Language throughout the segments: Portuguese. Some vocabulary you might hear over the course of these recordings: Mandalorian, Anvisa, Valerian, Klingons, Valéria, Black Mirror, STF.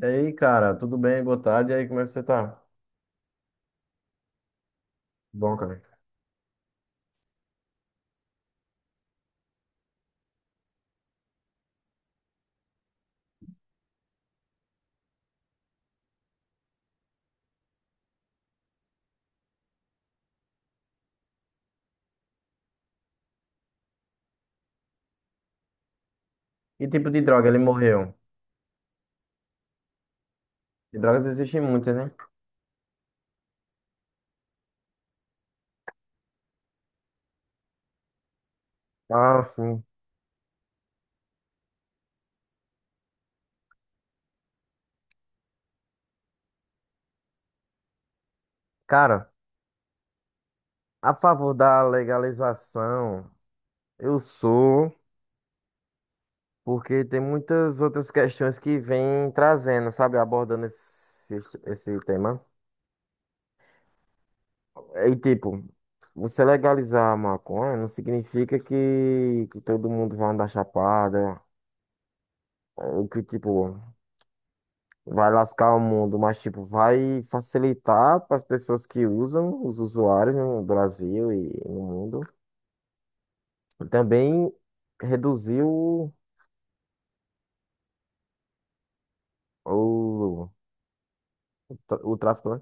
E aí, cara, tudo bem? Boa tarde. E aí, como é que você tá? Bom, cara. Que tipo de droga ele morreu? De drogas existem muitas, né? Ah, sim. Cara, a favor da legalização, eu sou, porque tem muitas outras questões que vêm trazendo, sabe, abordando esse tema. E tipo, você legalizar a maconha não significa que todo mundo vai andar chapada, ou que tipo, vai lascar o mundo, mas tipo, vai facilitar para as pessoas que usam, os usuários no Brasil e no mundo. E também reduzir o, o tráfico, né?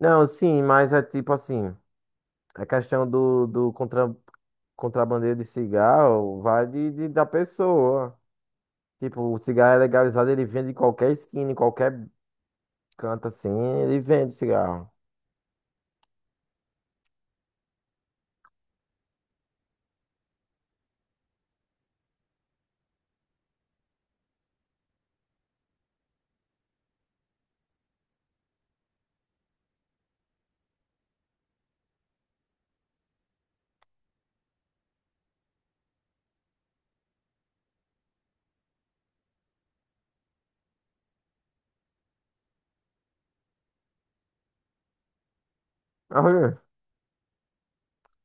Não, sim, mas é tipo assim, a questão do contrabandeiro de cigarro vai da pessoa. Tipo, o cigarro é legalizado, ele vende em qualquer esquina, em qualquer canto assim, ele vende cigarro. Olha,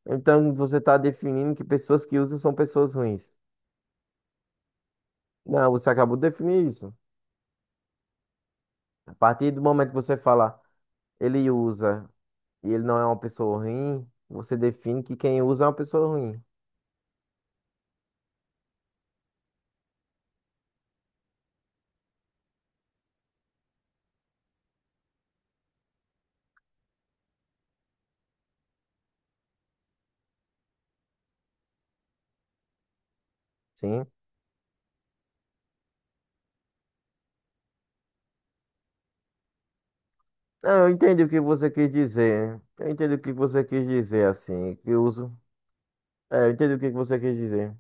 então você está definindo que pessoas que usam são pessoas ruins. Não, você acabou de definir isso. A partir do momento que você fala, ele usa e ele não é uma pessoa ruim, você define que quem usa é uma pessoa ruim. Sim. Não, eu entendi o que você quis dizer. Eu entendi o que você quis dizer, assim, que uso. É, eu entendi o que você quis dizer.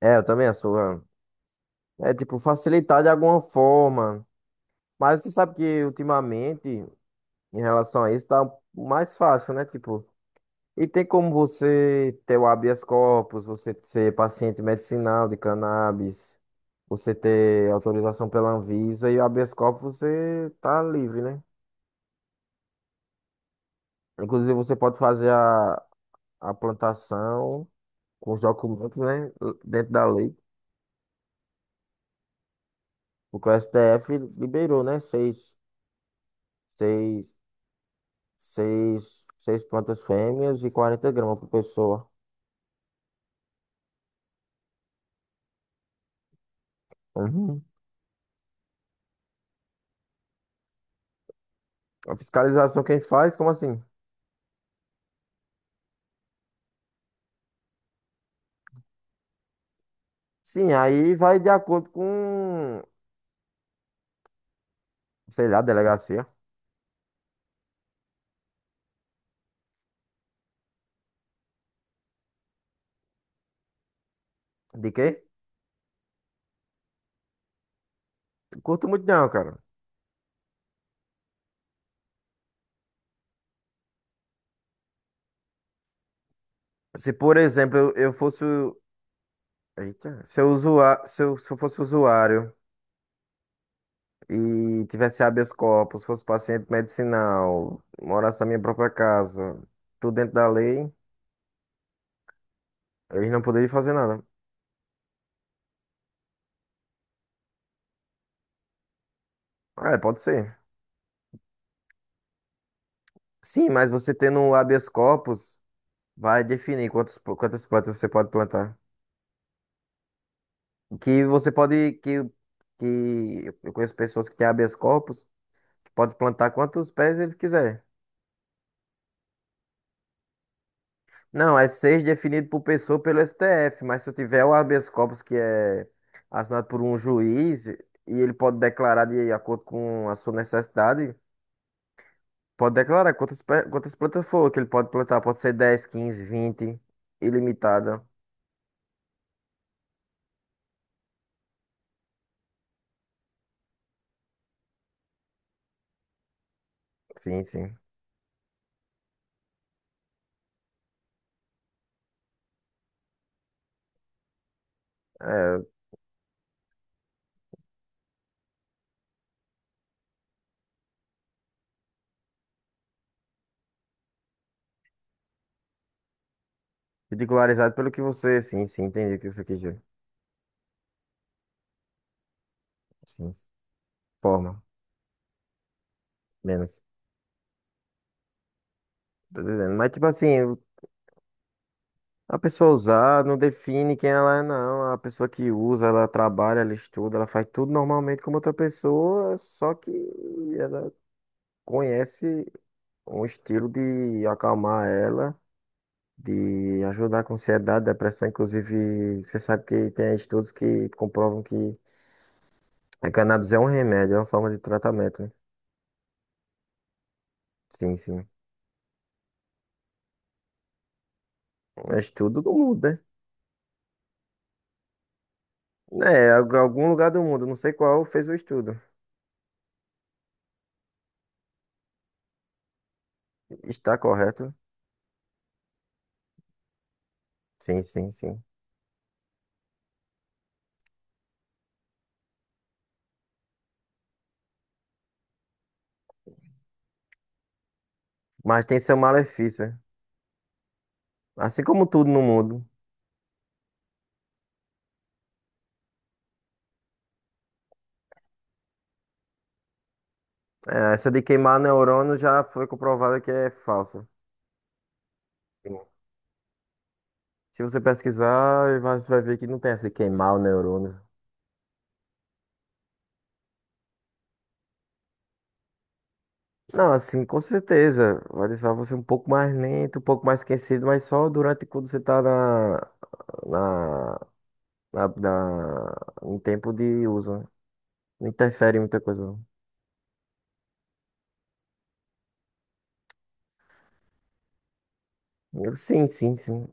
É, eu também sou. É, é, tipo, facilitar de alguma forma. Mas você sabe que ultimamente, em relação a isso, tá mais fácil, né? Tipo. E tem como você ter o habeas corpus, você ser paciente medicinal de cannabis, você ter autorização pela Anvisa e o habeas corpus você tá livre, né? Inclusive você pode fazer a plantação com os documentos, né? Dentro da lei. Porque o STF liberou, né? Seis, seis plantas fêmeas e 40 gramas por pessoa. Uhum. A fiscalização quem faz, como assim? Sim, aí vai de acordo com sei lá, delegacia. De quê? Curto muito não, cara. Se, por exemplo, eu fosse. Eita, se eu, usua, se eu, se eu fosse usuário e tivesse habeas corpus, fosse paciente medicinal, morasse na minha própria casa, tudo dentro da lei, eles não poderiam fazer nada. Ah, é, pode ser. Sim, mas você tendo um habeas corpus, vai definir quantos, quantas plantas você pode plantar. Que você pode. Que eu conheço pessoas que têm habeas corpus, que pode plantar quantos pés eles quiser. Não, é seis definido por pessoa pelo STF, mas se eu tiver o habeas corpus que é assinado por um juiz e ele pode declarar de acordo com a sua necessidade, pode declarar quantas plantas for, que ele pode plantar, pode ser 10, 15, 20, ilimitada. Sim, sim. É, ridicularizado pelo que você, sim, sim, entendi o que você quis dizer. Sim, sim, forma, menos. Tô dizendo. Mas tipo assim, a pessoa usar não define quem ela é, não. A pessoa que usa, ela trabalha, ela estuda, ela faz tudo normalmente como outra pessoa, só que ela conhece um estilo de acalmar ela, de ajudar com ansiedade, depressão. Inclusive, você sabe que tem estudos que comprovam que a cannabis é um remédio, é uma forma de tratamento, né? Sim, sim. É estudo do mundo, né? É, algum lugar do mundo, não sei qual, fez o estudo. Está correto? Sim, sim, sim. Mas tem seu malefício, né? Assim como tudo no mundo. É, essa de queimar neurônio já foi comprovada que é falsa. Sim. Se você pesquisar, você vai ver que não tem essa de queimar o neurônio. Não, assim, com certeza. Vai deixar você um pouco mais lento, um pouco mais esquecido, mas só durante quando você tá na, na, na- em tempo de uso, né? Não interfere em muita coisa, não. Sim, sim, sim.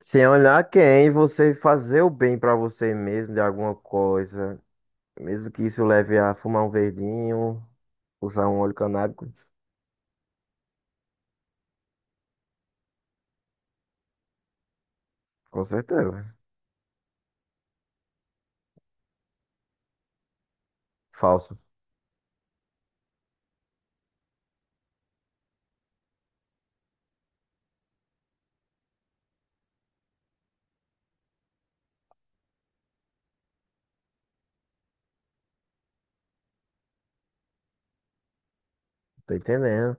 Sem olhar quem, você fazer o bem pra você mesmo de alguma coisa. Mesmo que isso leve a fumar um verdinho, usar um óleo canábico, com certeza. Falso. Tô entendendo.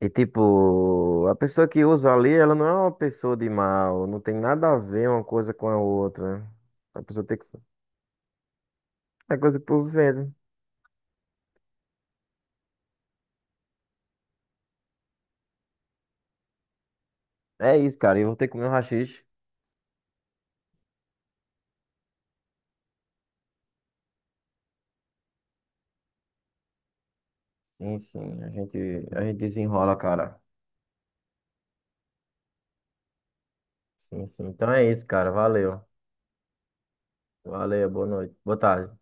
E tipo, a pessoa que usa ali, ela não é uma pessoa de mal, não tem nada a ver uma coisa com a outra. A pessoa tem que. É coisa por vendo. É isso, cara. Eu vou ter que comer um haxixe. Sim, sim. A gente desenrola, cara. Sim, sim. Então é isso, cara. Valeu. Valeu, boa noite. Boa tarde.